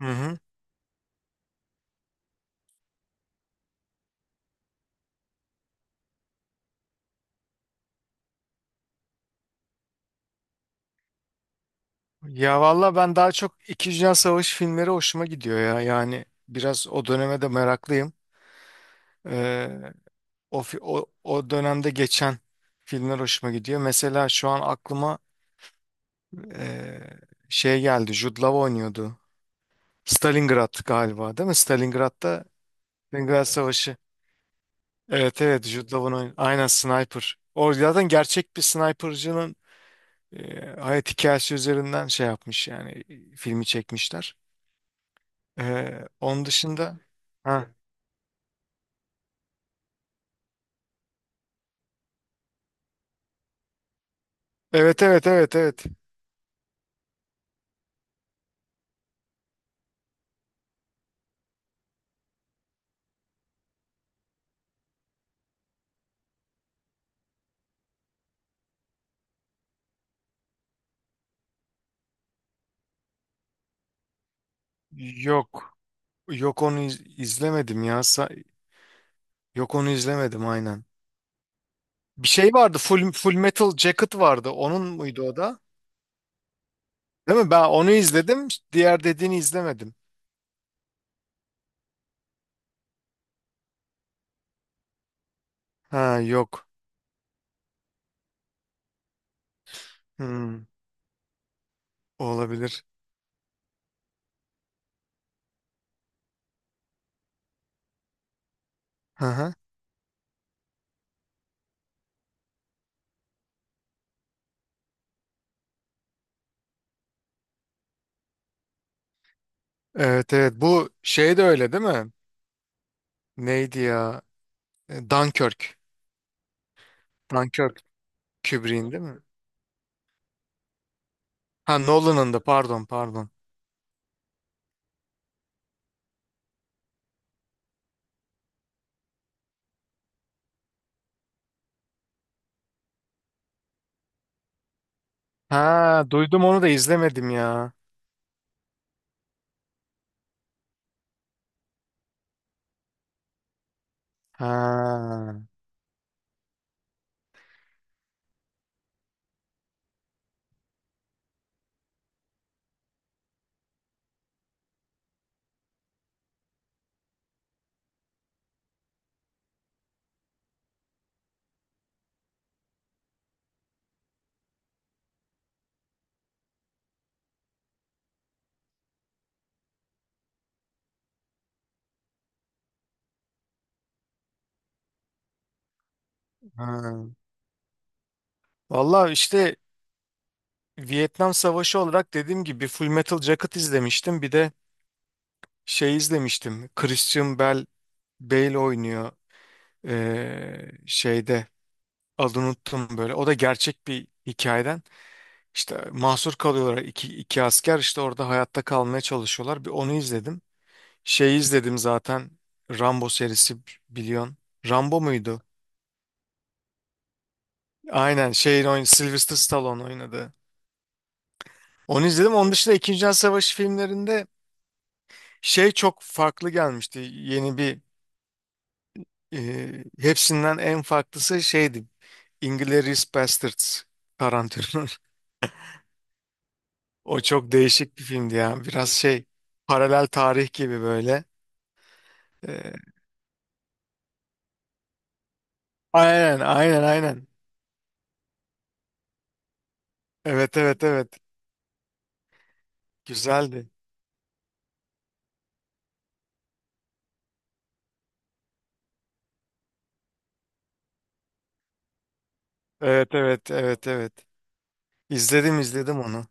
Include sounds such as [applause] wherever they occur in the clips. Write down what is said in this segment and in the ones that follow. Hı hı. Ya valla ben daha çok İkinci Dünya Savaşı filmleri hoşuma gidiyor ya. Yani biraz o döneme de meraklıyım. Ee, o dönemde geçen filmler hoşuma gidiyor. Mesela şu an aklıma ee, şey geldi. Jude Law oynuyordu. Stalingrad galiba değil mi? Stalingrad'da Stalingrad Savaşı. Evet, evet, Jude Law'un aynen sniper. O zaten gerçek bir snipercının hayat hikayesi üzerinden şey yapmış yani filmi çekmişler. Onun dışında ha evet, evet, evet, evet. Yok. Yok onu izlemedim ya. Yok onu izlemedim aynen. Bir şey vardı. Full Metal Jacket vardı. Onun muydu o da? Değil mi? Ben onu izledim. Diğer dediğini izlemedim. Ha yok. Hmm, olabilir. Hı hı. Evet evet. Bu şey de öyle değil mi? Neydi ya? E, Dunkirk. Dunkirk. Kubrick'in değil mi? Ha, Nolan'ın da, pardon pardon. Ha duydum, onu da izlemedim ya. Ha, ha. Valla işte Vietnam Savaşı olarak dediğim gibi Full Metal Jacket izlemiştim. Bir de şey izlemiştim. Christian Bale, Bale oynuyor şeyde adını unuttum böyle. O da gerçek bir hikayeden. İşte mahsur kalıyorlar, iki asker işte orada hayatta kalmaya çalışıyorlar. Bir onu izledim. Şeyi izledim zaten Rambo serisi biliyorsun. Rambo muydu? Aynen şeyin oyun Sylvester Stallone oynadı. Onu izledim. Onun dışında İkinci Dünya Savaşı filmlerinde şey çok farklı gelmişti. Yeni bir hepsinden en farklısı şeydi. Inglourious Basterds Tarantino. [laughs] O çok değişik bir filmdi ya. Biraz şey, paralel tarih gibi böyle. E, aynen aynen aynen. Evet evet evet. Güzeldi. Evet evet evet evet. İzledim, izledim onu.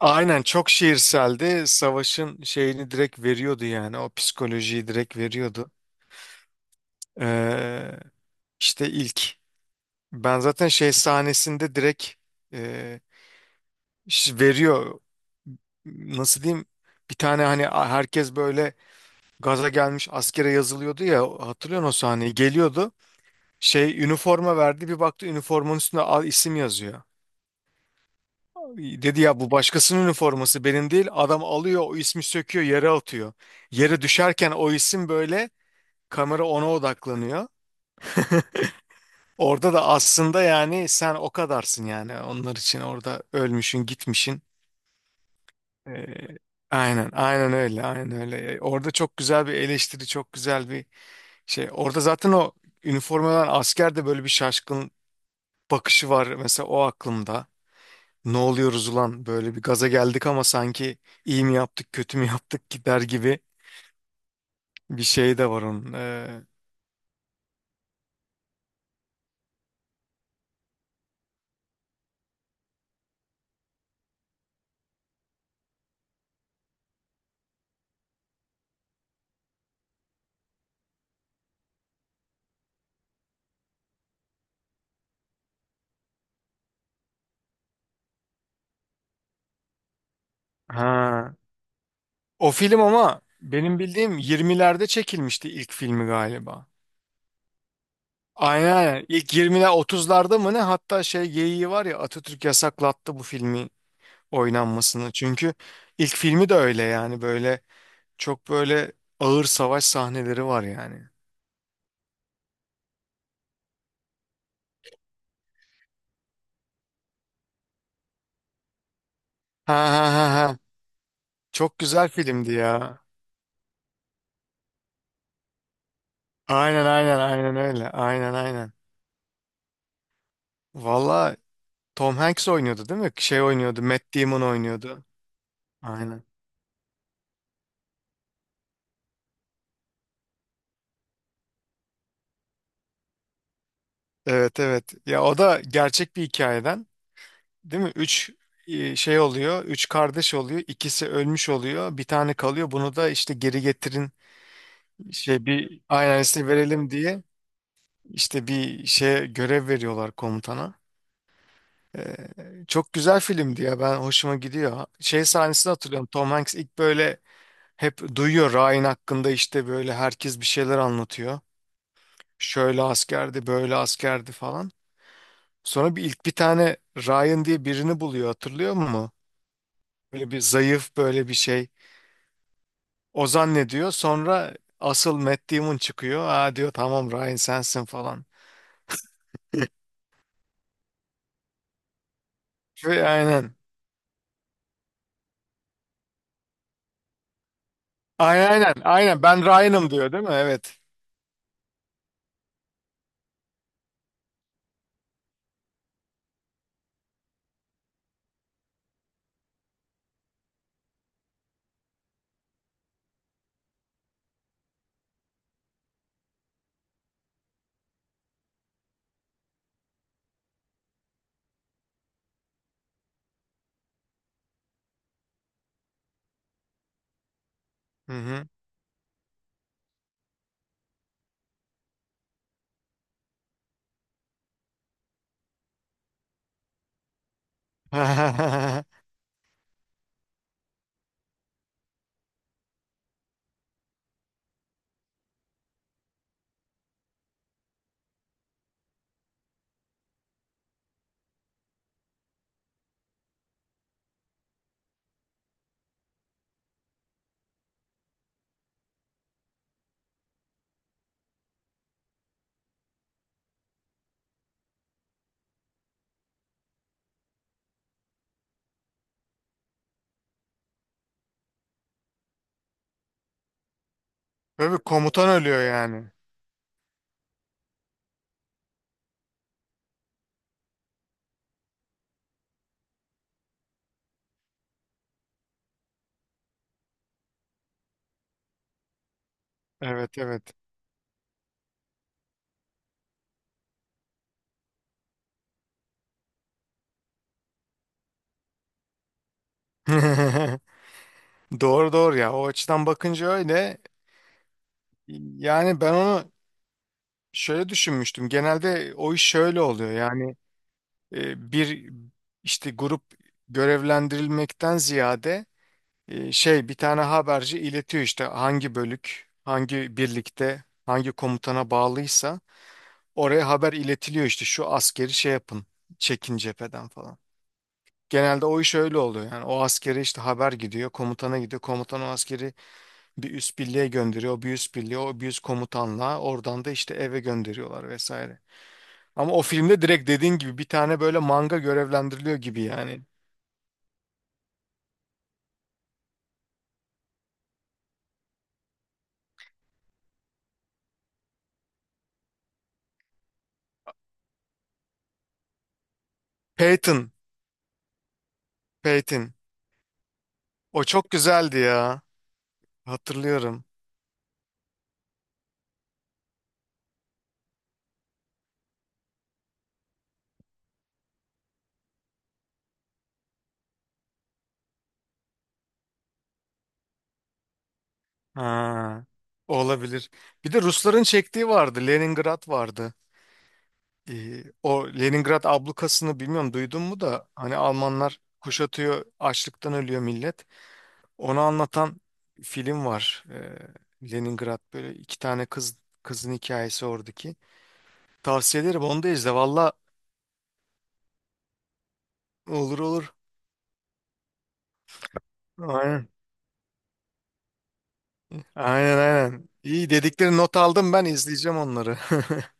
Aynen çok şiirseldi. Savaşın şeyini direkt veriyordu yani. O psikolojiyi direkt veriyordu. Ee, İşte ilk. Ben zaten şey sahnesinde direkt e, veriyor. Nasıl diyeyim? Bir tane hani herkes böyle gaza gelmiş askere yazılıyordu ya, hatırlıyorsun o sahneyi. Geliyordu. Şey üniforma verdi, bir baktı üniformanın üstünde al isim yazıyor. Dedi ya bu başkasının üniforması, benim değil. Adam alıyor o ismi, söküyor yere atıyor. Yere düşerken o isim böyle, kamera ona odaklanıyor. Orada da aslında yani sen o kadarsın yani, onlar için orada ölmüşün gitmişin. Ee, aynen aynen öyle, aynen öyle. Orada çok güzel bir eleştiri, çok güzel bir şey. Orada zaten o üniformadan asker de böyle bir şaşkın bakışı var mesela, o aklımda. Ne oluyoruz ulan, böyle bir gaza geldik ama sanki iyi mi yaptık, kötü mü yaptık gider gibi bir şey de var onun. Ha. O film ama benim bildiğim 20'lerde çekilmişti ilk filmi galiba. Aynen aynen. İlk 20'ler 30'larda mı ne? Hatta şey geyiği var ya, Atatürk yasaklattı bu filmi oynanmasını. Çünkü ilk filmi de öyle yani, böyle çok böyle ağır savaş sahneleri var yani. Ha ha ha ha. Çok güzel filmdi ya. Aynen aynen aynen öyle. Aynen aynen. Valla Tom Hanks oynuyordu değil mi? Şey oynuyordu. Matt Damon oynuyordu. Aynen. Evet evet. Ya o da gerçek bir hikayeden. Değil mi? Üç şey oluyor. Üç kardeş oluyor. İkisi ölmüş oluyor. Bir tane kalıyor. Bunu da işte geri getirin. Şey bir aynen size verelim diye işte bir şeye görev veriyorlar komutana. Ee, çok güzel filmdi ya. Ben hoşuma gidiyor. Şey sahnesini hatırlıyorum. Tom Hanks ilk böyle hep duyuyor Ryan hakkında, işte böyle herkes bir şeyler anlatıyor. Şöyle askerdi, böyle askerdi falan. Sonra bir ilk bir tane Ryan diye birini buluyor. Hatırlıyor musun? Böyle bir zayıf, böyle bir şey. Ozan ne diyor? Sonra asıl Matt Damon çıkıyor. Aa diyor, tamam Ryan sensin falan. Ve aynen. Aynen aynen. Aynen ben Ryan'ım diyor değil mi? Evet. Hı hı. [laughs] Ve bir komutan ölüyor yani. Evet evet. [laughs] Doğru doğru ya. O açıdan bakınca öyle. Yani ben onu şöyle düşünmüştüm. Genelde o iş şöyle oluyor. Yani bir işte grup görevlendirilmekten ziyade şey bir tane haberci iletiyor işte hangi bölük, hangi birlikte, hangi komutana bağlıysa oraya haber iletiliyor, işte şu askeri şey yapın, çekin cepheden falan. Genelde o iş öyle oluyor. Yani o askere işte haber gidiyor, komutana gidiyor. Komutan o askeri bir üst birliğe gönderiyor. O bir üst birliğe, o bir üst komutanla oradan da işte eve gönderiyorlar vesaire. Ama o filmde direkt dediğin gibi bir tane böyle manga görevlendiriliyor gibi yani. Peyton, Peyton. O çok güzeldi ya. Hatırlıyorum. Ha, olabilir. Bir de Rusların çektiği vardı. Leningrad vardı. O Leningrad ablukasını bilmiyorum duydun mu, da hani Almanlar kuşatıyor, açlıktan ölüyor millet. Onu anlatan film var. Leningrad böyle iki tane kızın hikayesi oradaki. Tavsiye ederim, onu da izle. Valla olur olur. Aynen. Aynen aynen. İyi dedikleri not aldım, ben izleyeceğim onları. [laughs]